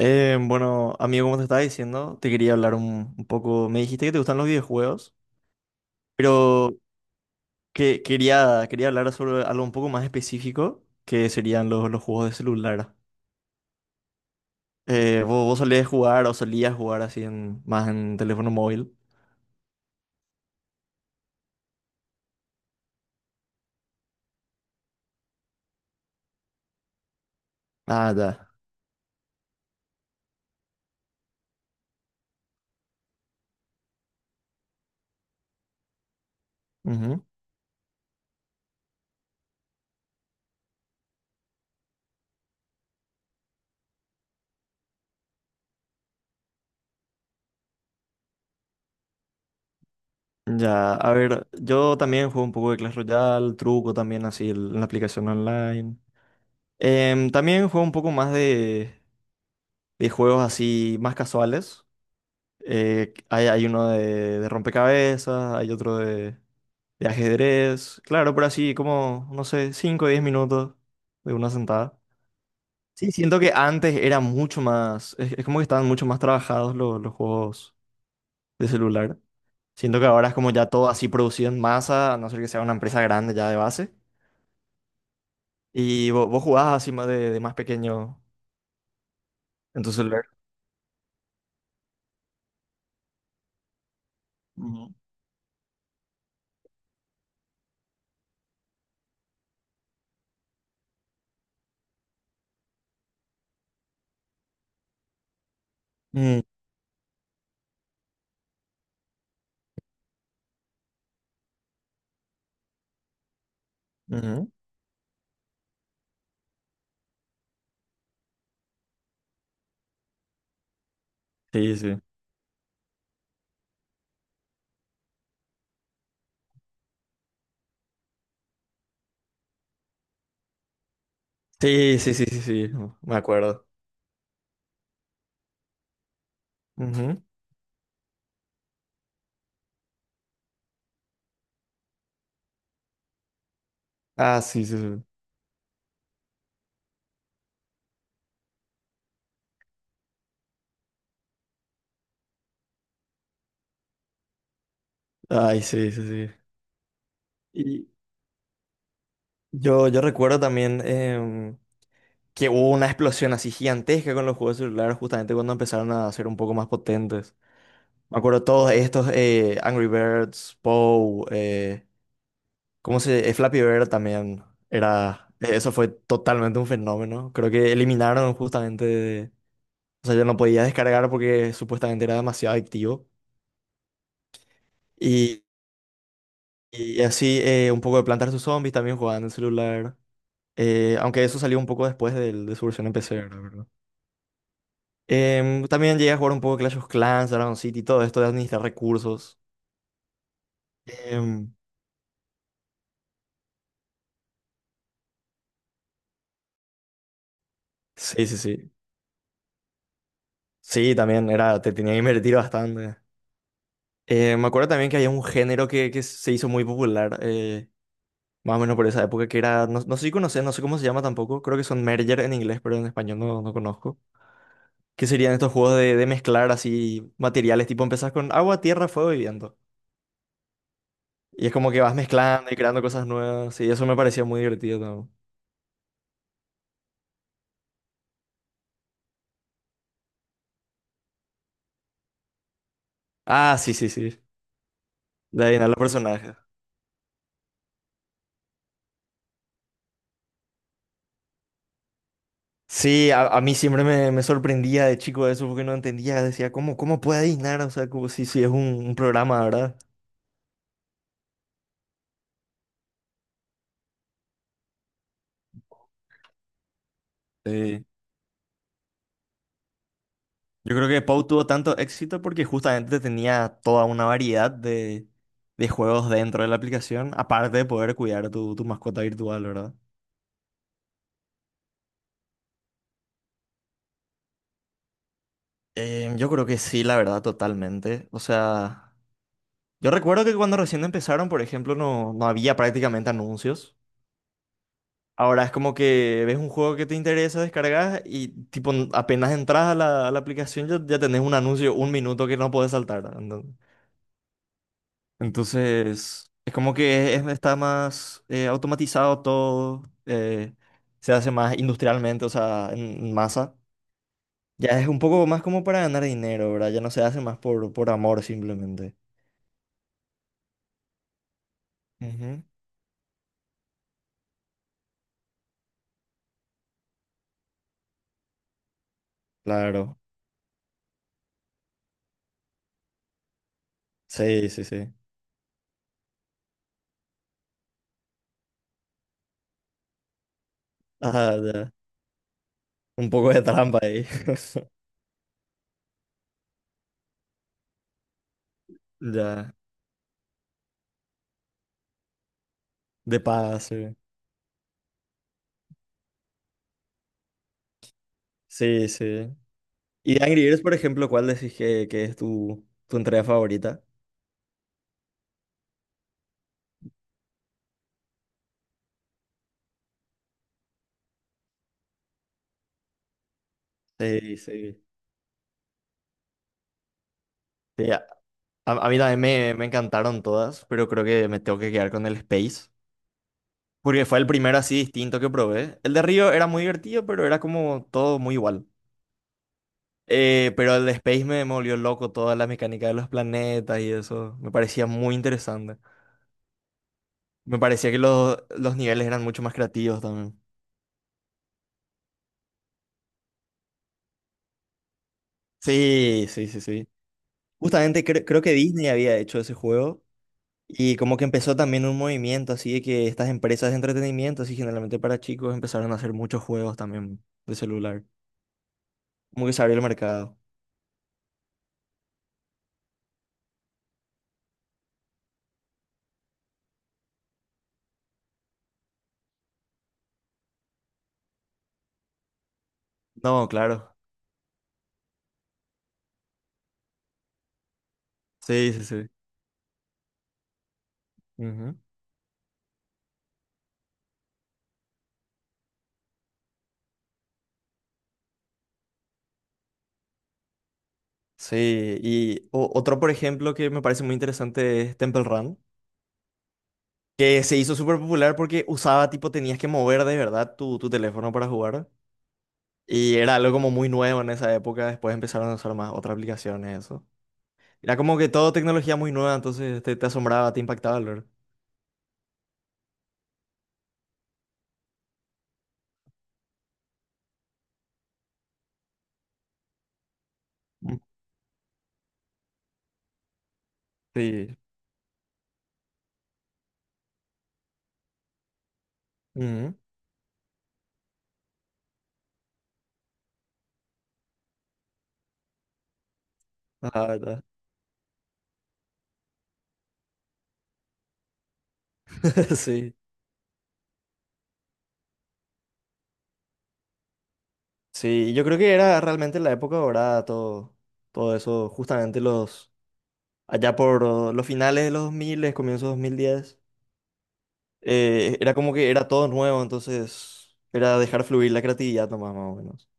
Bueno, amigo, como te estaba diciendo, te quería hablar un poco. Me dijiste que te gustan los videojuegos, pero que quería hablar sobre algo un poco más específico, que serían los juegos de celular. ¿Vos solías jugar o solías jugar así más en teléfono móvil? Ah, ya. Ujú. Ya, a ver, yo también juego un poco de Clash Royale, truco también así en la aplicación online. También juego un poco más de juegos así más casuales. Hay uno de rompecabezas, hay otro de ajedrez. Claro, pero así como, no sé, 5 o 10 minutos de una sentada. Sí, siento que antes era mucho más, es como que estaban mucho más trabajados los juegos de celular. Siento que ahora es como ya todo así producido en masa, a no ser que sea una empresa grande ya de base. Y vos jugabas así más de más pequeño en tu celular. Ujú. Mm, ujú. Sí, sí. Sí, sí, sí, sí, sí, me acuerdo. Ujú. Ah, sí, sí, sí. Ay, sí, sí, sí. Y yo recuerdo también que hubo una explosión así gigantesca con los juegos celulares justamente cuando empezaron a ser un poco más potentes. Me acuerdo todos estos, Angry Birds, Pou, ¿cómo se? Flappy Bird también era, eso fue totalmente un fenómeno. Creo que eliminaron justamente, o sea, yo no podía descargar porque supuestamente era demasiado adictivo. Y, y así un poco de Plantar sus Zombies también jugaban en el celular. Aunque eso salió un poco después de, su versión en PC, ¿verdad? ¿Verdad? También llegué a jugar un poco Clash of Clans, Dragon City, todo esto de administrar recursos. Em, sí, sí, sí. Sí, también era, te tenía que invertir bastante. Me acuerdo también que había un género que se hizo muy popular, más o menos por esa época, que era, no, no sé si conoces, no sé cómo se llama tampoco, creo que son merger en inglés, pero en español no, no conozco. Que serían estos juegos de mezclar así materiales, tipo empezás con agua, tierra, fuego y viento. Y es como que vas mezclando y creando cosas nuevas. Y eso me parecía muy divertido también. Ah, sí, sí, sí. De adivinar los personajes. Sí, a mí siempre me sorprendía de chico eso porque no entendía. Decía, ¿cómo puede adivinar? O sea, como si es un programa, ¿verdad? Sí. Yo creo que Pou tuvo tanto éxito porque justamente tenía toda una variedad de juegos dentro de la aplicación, aparte de poder cuidar tu mascota virtual, ¿verdad? Yo creo que sí, la verdad, totalmente. O sea. Yo recuerdo que cuando recién empezaron, por ejemplo, no, no había prácticamente anuncios. Ahora es como que ves un juego que te interesa, descargas y tipo apenas entras a la aplicación ya tenés un anuncio, un minuto que no podés saltar, ¿no? Entonces, es como que está más automatizado todo, se hace más industrialmente, o sea, en masa. Ya es un poco más como para ganar dinero, ¿verdad? Ya no se hace más por amor simplemente. Ujú. Claro, sí, sí, sí. Ajá, ya. Un poco de trampa ahí. Ya, de paga, sí. Sí, sí. Y de Angry Birds, por ejemplo, ¿cuál decís que es tu entrega favorita? Sí, sí. Sí, a mí también me encantaron todas, pero creo que me tengo que quedar con el Space. Porque fue el primero así distinto que probé. El de Río era muy divertido, pero era como todo muy igual. Pero el de Space me volvió loco, toda la mecánica de los planetas y eso. Me parecía muy interesante. Me parecía que los niveles eran mucho más creativos también. Sí, sí, sí, sí. Justamente creo que Disney había hecho ese juego y como que empezó también un movimiento así de que estas empresas de entretenimiento, así generalmente para chicos, empezaron a hacer muchos juegos también de celular. Como que se abrió el mercado. No, claro. Sí, sí, sí. Ujú. Sí, y otro, por ejemplo, que me parece muy interesante es Temple Run, que se hizo súper popular porque usaba, tipo, tenías que mover de verdad tu teléfono para jugar. Y era algo como muy nuevo en esa época, después empezaron a usar más otras aplicaciones, eso. Era como que todo tecnología muy nueva, entonces te asombraba, te impactaba, ¿verdad? Mm. Sí. Ujú. Ajá, ¿verdad? Sí. Sí, yo creo que era realmente la época dorada, todo eso, justamente allá por los finales de los 2000, comienzos 2010, era como que era todo nuevo, entonces era dejar fluir la creatividad nomás, más o menos.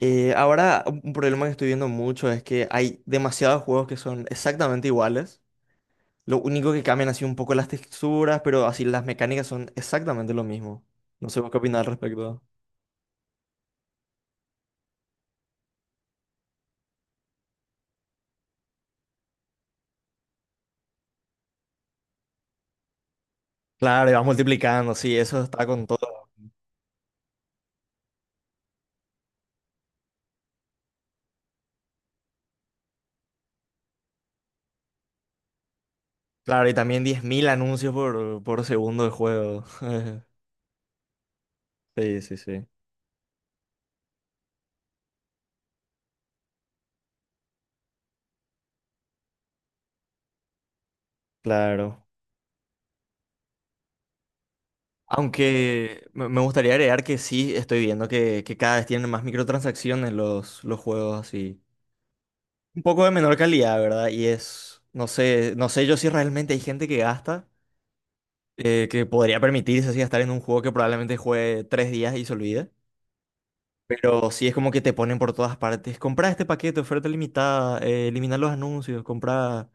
Ahora, un problema que estoy viendo mucho es que hay demasiados juegos que son exactamente iguales. Lo único que cambian así un poco las texturas, pero así las mecánicas son exactamente lo mismo. No sé vos qué opinas al respecto. Claro, y vas multiplicando, sí, eso está con todo. Claro, y también 10.000 anuncios por segundo de juego. Sí, sí, sí, claro. Aunque me gustaría agregar que sí, estoy viendo que cada vez tienen más microtransacciones los juegos así. Un poco de menor calidad, ¿verdad? Y es, no sé, yo si realmente hay gente que gasta. Que podría permitirse así estar en un juego que probablemente juegue 3 días y se olvide. Pero sí es como que te ponen por todas partes. Comprar este paquete, oferta limitada, eliminar los anuncios, comprar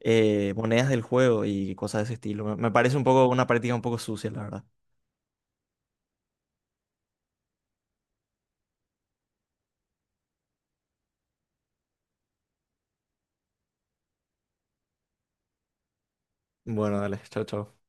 monedas del juego y cosas de ese estilo. Me parece un poco una práctica un poco sucia, la verdad. Bueno, dale, chao, chao.